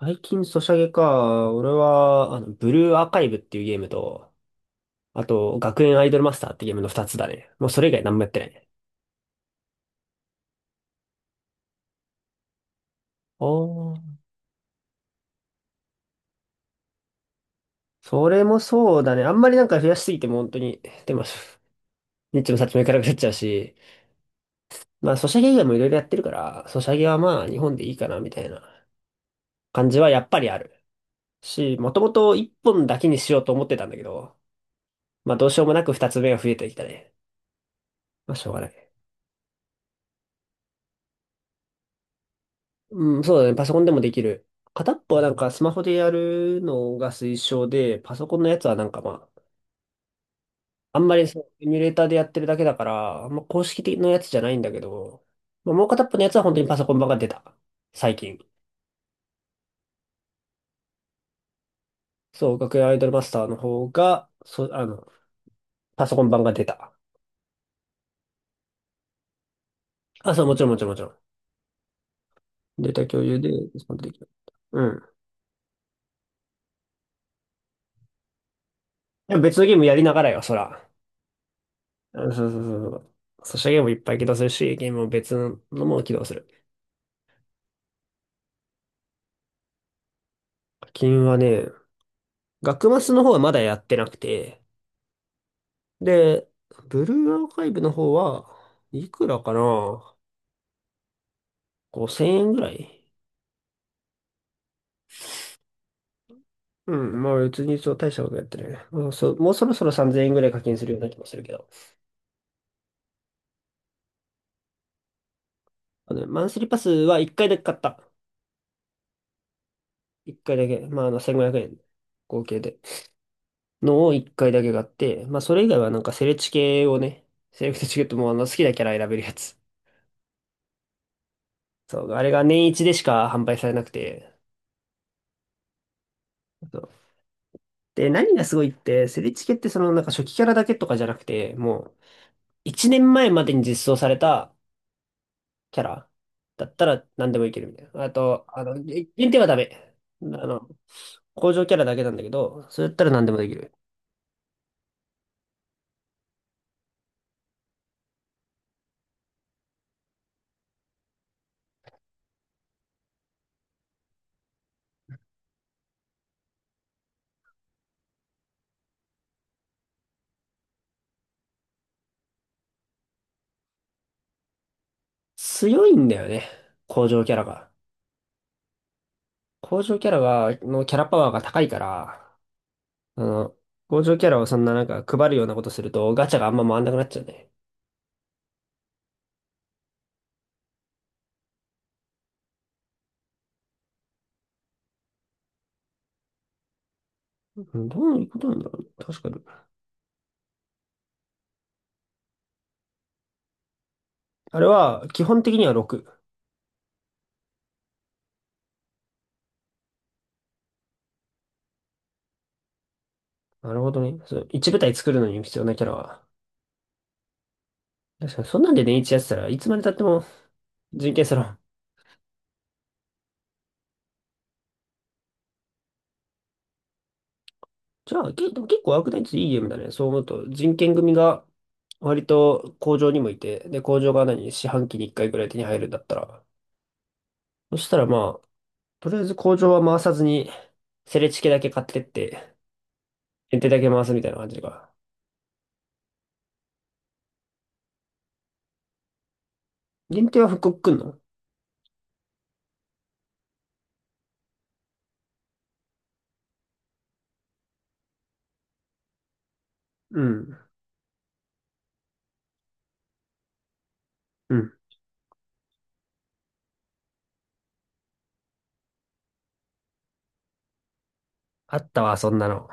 最近ソシャゲか。俺は、あの、ブルーアーカイブっていうゲームと、あと、学園アイドルマスターってゲームの二つだね。もうそれ以外何もやってないね。おー。それもそうだね。あんまりなんか増やしすぎても本当に、でも、ニッチもサッチもいかなくなっちゃうし、まあ、ソシャゲ以外もいろいろやってるから、ソシャゲはまあ、日本でいいかな、みたいな感じはやっぱりある。し、もともと一本だけにしようと思ってたんだけど、まあ、どうしようもなく二つ目が増えてきたね。まあ、しょうがない。うん、そうだね。パソコンでもできる。片っぽはなんかスマホでやるのが推奨で、パソコンのやつはなんかまあ、あんまりそう、エミュレーターでやってるだけだから、あんま公式的なやつじゃないんだけど、まあ、もう片っぽのやつは本当にパソコン版が出た。最近。そう、学園アイドルマスターの方が、そう、あの、パソコン版が出た。あ、そう、もちろんもちろんもちろん。データ共有で、そこでできる。うん。でも別のゲームやりながらよ、そら。うん、そうそうそうそう。ソシャゲもいっぱい起動するし、ゲームも別のも起動する。課金はね、学マスの方はまだやってなくて、で、ブルーアーカイブの方はいくらかな、 5000 円ぐらい。うん、まあ別にそう大したことやってないね。もうそろそろ3000円ぐらい課金するような気もするけど。あのね、マンスリーパスは1回だけ買った。1回だけ。まああの1500円合計で。のを1回だけ買って、まあそれ以外はなんかセレチケをね、セレクトチケットもあの好きなキャラ選べるやつ。そう、あれが年一でしか販売されなくて、そうで、何がすごいって、セリチケってそのなんか初期キャラだけとかじゃなくて、もう1年前までに実装されたキャラだったら何でもいけるみたいな。あと、あの、限定はダメ。あの、工場キャラだけなんだけど、それだったら何でもできる。強いんだよね、工場キャラが。工場キャラが、のキャラパワーが高いから、あの、工場キャラをそんななんか配るようなことするとガチャがあんま回んなくなっちゃうね。うん、どういうことなんだろうね。確かに。あれは基本的には6。なるほどね。そう、一部隊作るのに必要なキャラは。確かに、そんなんで年一やってたらいつまで経っても人権さら。じゃあ、でも結構アークナイツいいゲームだね。そう思うと、人権組が割と工場にもいて、で、工場が何、四半期に一回ぐらい手に入るんだったら。そしたらまあ、とりあえず工場は回さずに、セレチケだけ買ってって、限定だけ回すみたいな感じか。限定は復刻くんの。うん。うん。あったわ、そんなの。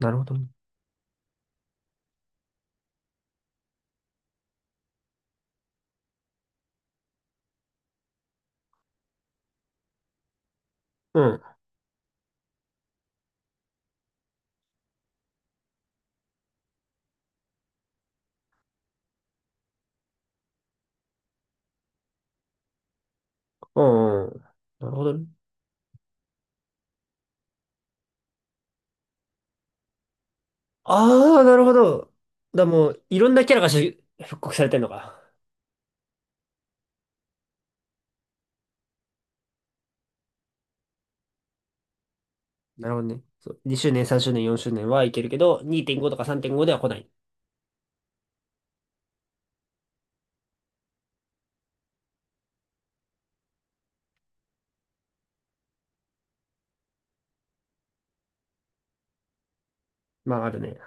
なるほどね。うん。うん、うん。なるほどね。ああ、なるほど。だ、もう、いろんなキャラがし復刻されてんのか。なるほどね。そう。2周年、3周年、4周年はいけるけど、2.5とか3.5では来ない。まあ、あるね。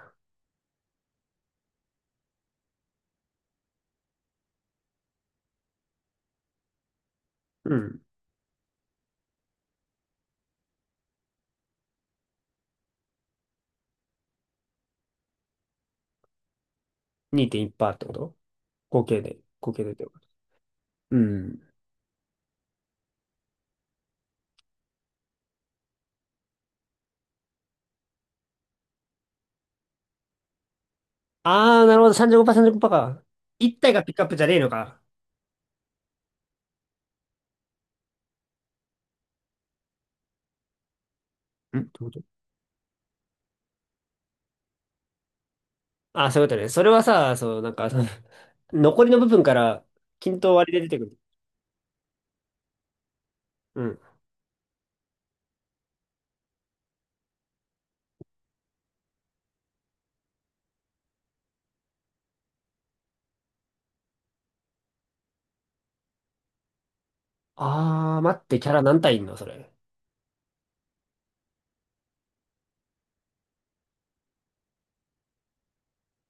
うん。2.1%ってこと、合計で。合計でってこと。うん。ああ、なるほど。35%、35%か。1体がピックアップじゃねえのか。ん、どういうこと。ああー、そういうことね。それはさ、そう、なんか、その 残りの部分から、均等割りで出てくる。うん。ああ、待って、キャラ何体いんのそれ。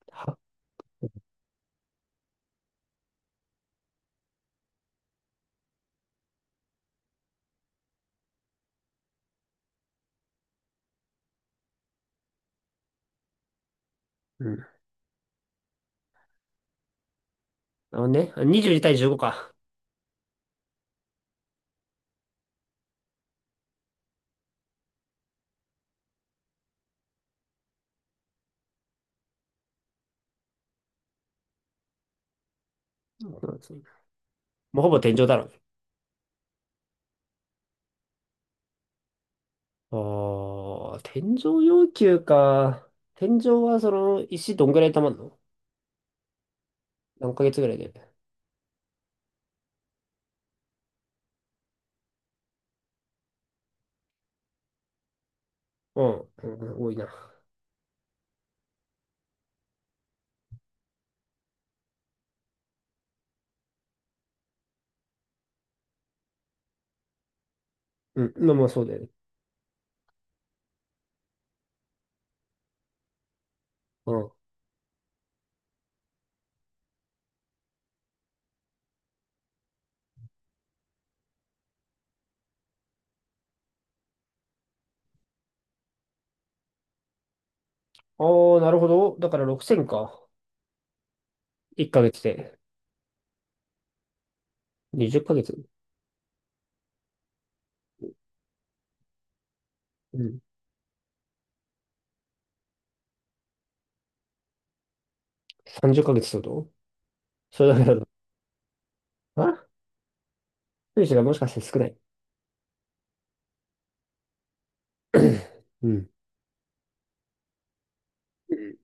は、うん。なるほどね。22対15か。そうなんですね。もうほぼ天井だろうね。ああ、天井要求か。天井はその石どんぐらい溜まるの、何ヶ月ぐらいで。うん、うんうん多いな。うん、まあまあそうだよね。うん。ああ、なるほど。だから6000か。1ヶ月で。20ヶ月。うん。30ヶ月っかげつってこと、それだけだと。あ、選手がもしかして少ない。うん。うん、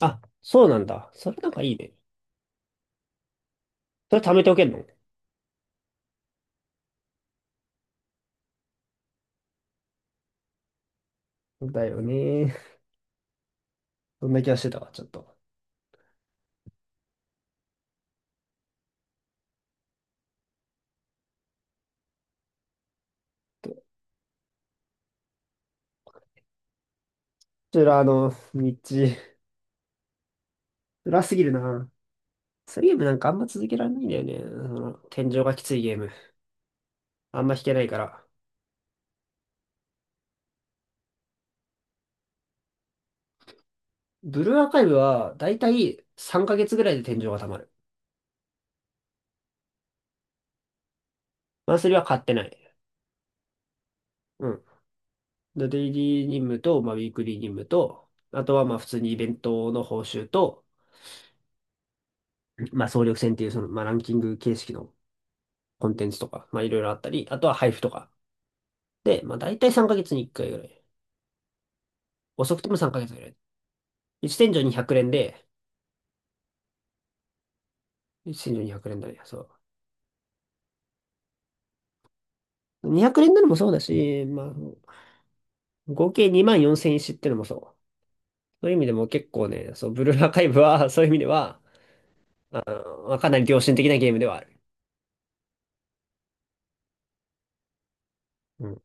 あ、そうなんだ。それなんかいいね。それ貯めておけんの。だよね。そんな気がしてたわ、ちょっと。こちら、あの、道、辛すぎるな。そリゲームなんかあんま続けられないんだよね。その、天井がきついゲーム。あんま弾けないから。ブルーアーカイブは、だいたい3ヶ月ぐらいで天井が溜まる。マンスリーは買ってない。うん。でデイリー任務と、まあ、ウィークリー任務と、あとはまあ普通にイベントの報酬と、まあ総力戦っていうその、まあ、ランキング形式のコンテンツとか、まあいろいろあったり、あとは配布とか。で、まあ大体3ヶ月に1回ぐらい。遅くても3ヶ月ぐらい。1天井に100連で、1天井に100連だね。そう。200連ドルもそうだし、まあ、合計2万4000石ってのもそう。そういう意味でも結構ね、そう、ブルーアーカイブは、そういう意味では、あのまあ、かなり良心的なゲームではある。うん